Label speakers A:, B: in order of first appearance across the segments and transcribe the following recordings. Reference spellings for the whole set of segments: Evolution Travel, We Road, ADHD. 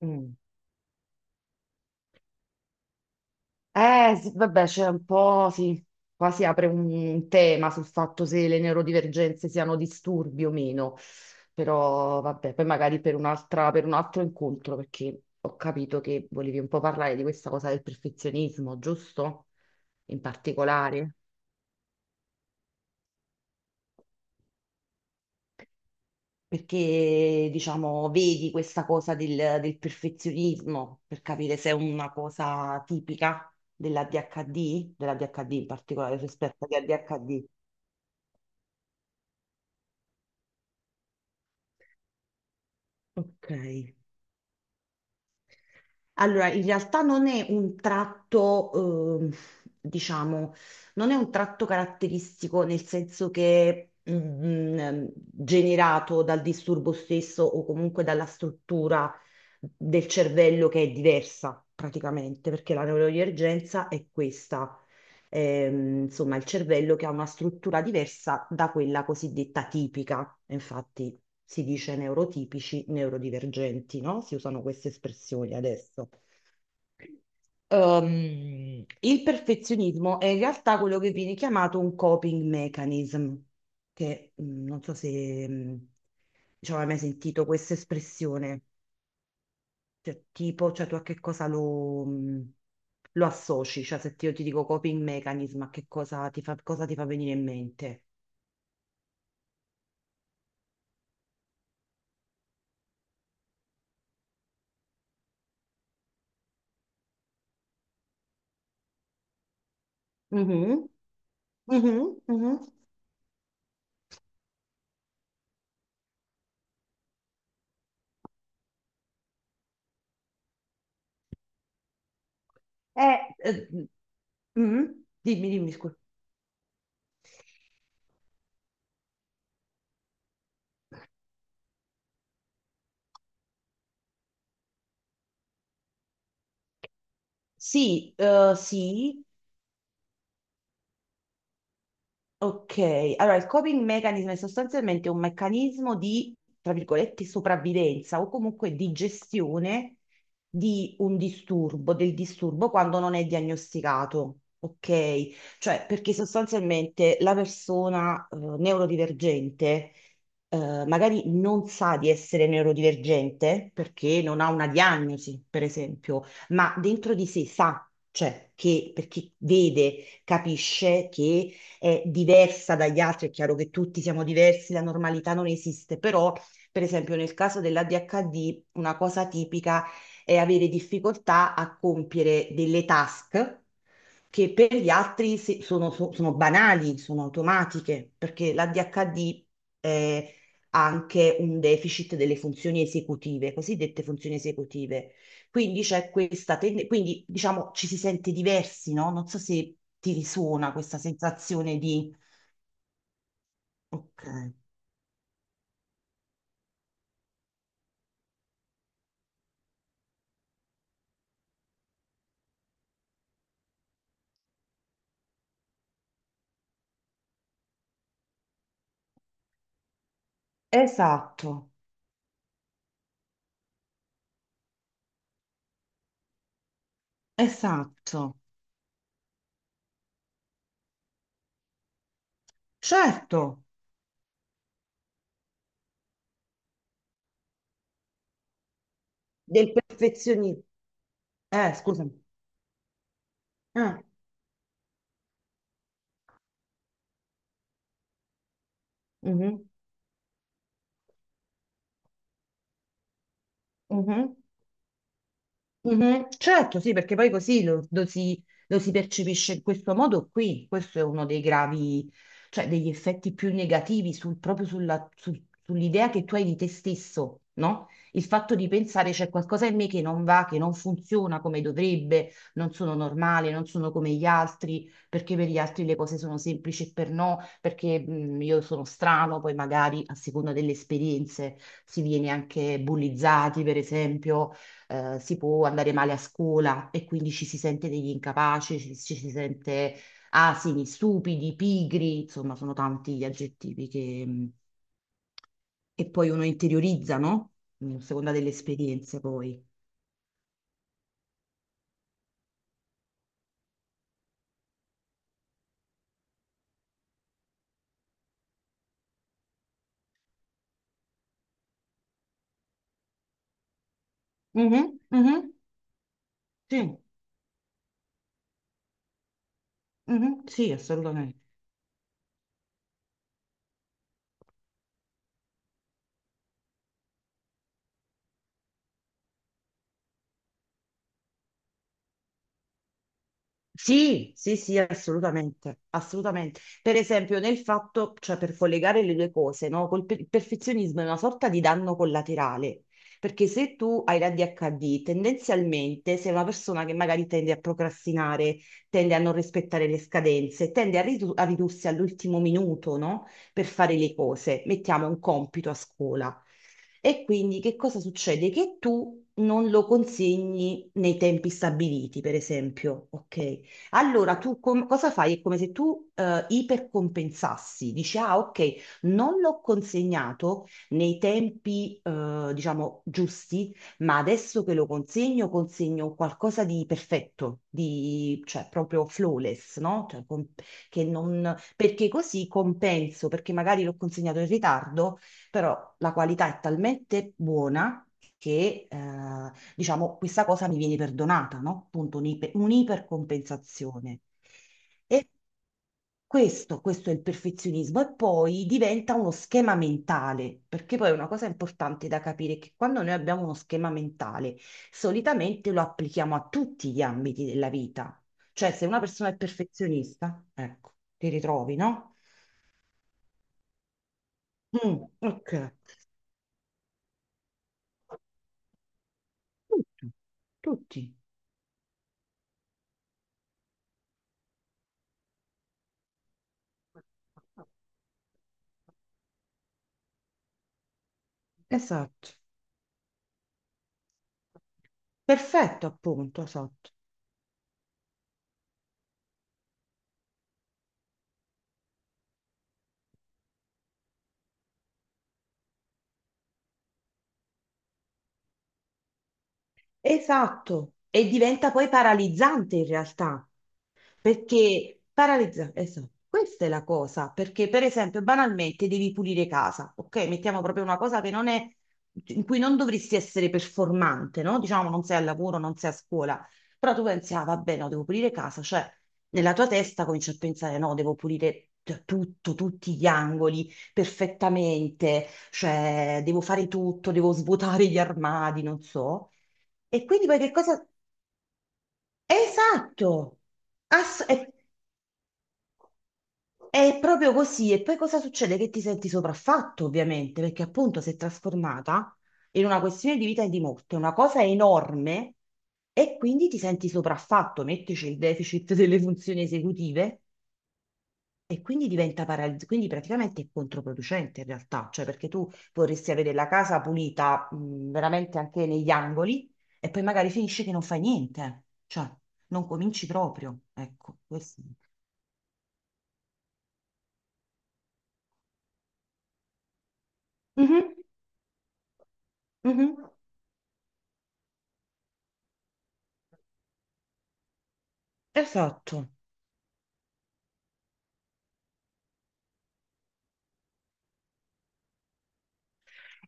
A: hm sì, vabbè, c'è un po', sì, qua si apre un tema sul fatto se le neurodivergenze siano disturbi o meno, però vabbè, poi magari per un'altra, per un altro incontro, perché ho capito che volevi un po' parlare di questa cosa del perfezionismo, giusto? In particolare, perché diciamo, vedi questa cosa del perfezionismo per capire se è una cosa tipica dell'ADHD, dell'ADHD in particolare, se esperta di ADHD. Ok. Allora, in realtà non è un tratto, ehm, diciamo, non è un tratto caratteristico nel senso che generato dal disturbo stesso o comunque dalla struttura del cervello che è diversa praticamente, perché la neurodivergenza è questa, insomma, il cervello che ha una struttura diversa da quella cosiddetta tipica. Infatti si dice neurotipici, neurodivergenti, no? Si usano queste espressioni adesso. Il perfezionismo è in realtà quello che viene chiamato un coping mechanism, che non so se diciamo, hai mai sentito questa espressione, cioè, tipo, cioè tu a che cosa lo, lo associ, cioè se ti- io ti dico coping mechanism, a che cosa ti fa venire in mente? Mhm, mhm, mhm. Eh, eh, mhm. Dimmi, dimmi, scusa. Sì, sì, ok, allora il coping mechanism è sostanzialmente un meccanismo di, tra virgolette, sopravvivenza o comunque di gestione di un disturbo, del disturbo quando non è diagnosticato, ok? Cioè, perché sostanzialmente la persona neurodivergente magari non sa di essere neurodivergente perché non ha una diagnosi, per esempio, ma dentro di sé sa, cioè, che perché vede, capisce che è diversa dagli altri, è chiaro che tutti siamo diversi, la normalità non esiste, però per esempio nel caso dell'ADHD una cosa tipica è avere difficoltà a compiere delle task che per gli altri sono, sono banali, sono automatiche, perché l'ADHD è anche un deficit delle funzioni esecutive, cosiddette funzioni esecutive. Quindi c'è questa quindi diciamo ci si sente diversi, no? Non so se ti risuona questa sensazione di... Ok, esatto, esatto, certo, del perfezionismo. Scusami. Eh, mhm, mhm. Mhm, certo, sì, perché poi così lo si percepisce in questo modo qui. Questo è uno dei gravi, cioè degli effetti più negativi proprio sull'idea che tu hai di te stesso, no? Il fatto di pensare c'è qualcosa in me che non va, che non funziona come dovrebbe, non sono normale, non sono come gli altri, perché per gli altri le cose sono semplici e per no, perché io sono strano, poi magari a seconda delle esperienze si viene anche bullizzati, per esempio si può andare male a scuola e quindi ci si sente degli incapaci, ci si sente asini, stupidi, pigri, insomma, sono tanti gli aggettivi che poi uno interiorizza, no? A seconda delle esperienze poi. Mhm, mhm, sì, mhm, sì, assolutamente. Sì, sì, sì, assolutamente, assolutamente. Per esempio, nel fatto, cioè per collegare le due cose, no? Il perfezionismo è una sorta di danno collaterale, perché se tu hai l'ADHD, tendenzialmente sei una persona che magari tende a procrastinare, tende a non rispettare le scadenze, tende a, a ridursi all'ultimo minuto, no? Per fare le cose. Mettiamo un compito a scuola. E quindi che cosa succede? Che tu non lo consegni nei tempi stabiliti, per esempio, ok? Allora, tu cosa fai? È come se tu ipercompensassi, dici, ah, ok, non l'ho consegnato nei tempi, diciamo, giusti, ma adesso che lo consegno, consegno qualcosa di perfetto, di, cioè proprio flawless, no? Cioè, che perché così compenso, perché magari l'ho consegnato in ritardo, però la qualità è talmente buona che... diciamo, questa cosa mi viene perdonata, no? Appunto un'ipercompensazione. E questo è il perfezionismo e poi diventa uno schema mentale, perché poi è una cosa importante da capire è che quando noi abbiamo uno schema mentale, solitamente lo applichiamo a tutti gli ambiti della vita. Cioè, se una persona è perfezionista, ecco, ti ritrovi, no? Mm, ok, tutti, tutti. Esatto. Perfetto, appunto, esatto. Esatto, e diventa poi paralizzante in realtà, perché paralizza, esatto, questa è la cosa, perché per esempio banalmente devi pulire casa, ok? Mettiamo proprio una cosa che non è, in cui non dovresti essere performante, no? Diciamo non sei al lavoro, non sei a scuola, però tu pensi, ah vabbè, no, devo pulire casa, cioè nella tua testa cominci a pensare, no, devo pulire tutto, tutti gli angoli perfettamente, cioè devo fare tutto, devo svuotare gli armadi, non so. E quindi poi che cosa... Esatto! Ass- e- È proprio così. E poi cosa succede? Che ti senti sopraffatto, ovviamente, perché appunto si è trasformata in una questione di vita e di morte, una cosa enorme, e quindi ti senti sopraffatto, mettici il deficit delle funzioni esecutive, e quindi diventa paralizzante, quindi praticamente è controproducente in realtà, cioè perché tu vorresti avere la casa pulita, veramente anche negli angoli, e poi magari finisci che non fai niente, cioè non cominci proprio, ecco, questo. Mhm, mhm, esatto.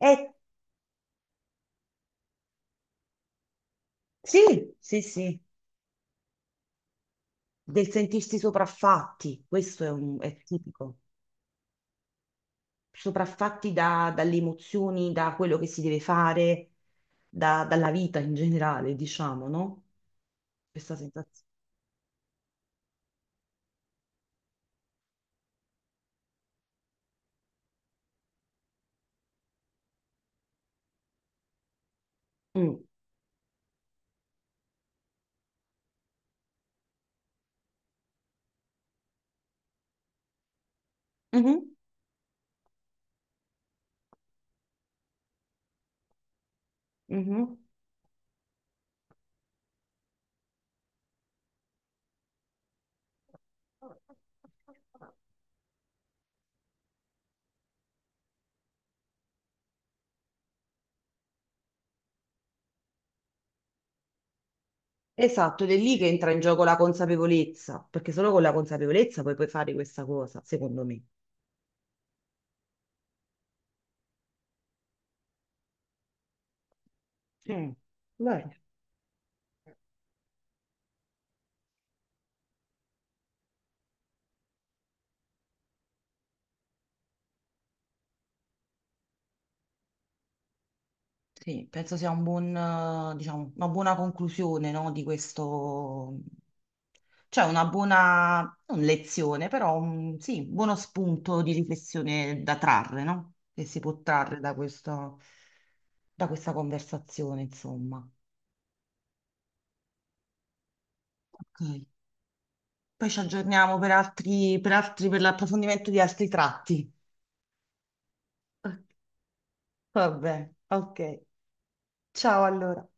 A: Eh, sì, sì, sì, del sentirsi sopraffatti, questo è, è tipico, sopraffatti dalle emozioni, da quello che si deve fare, dalla vita in generale, diciamo, no? Questa sensazione. Mm. Mhm, mhm. Esatto, ed è lì che entra in gioco la consapevolezza, perché solo con la consapevolezza poi puoi fare questa cosa, secondo me. Mm. Bene. Sì, penso sia un buon, diciamo, una buona conclusione, no, di questo, cioè una buona, non lezione, però un, sì, buono spunto di riflessione da trarre, no? Che si può trarre da questo, da questa conversazione, insomma. Ok. Poi ci aggiorniamo per altri, per altri, per l'approfondimento di altri tratti. Ok. Vabbè, ok. Ciao allora.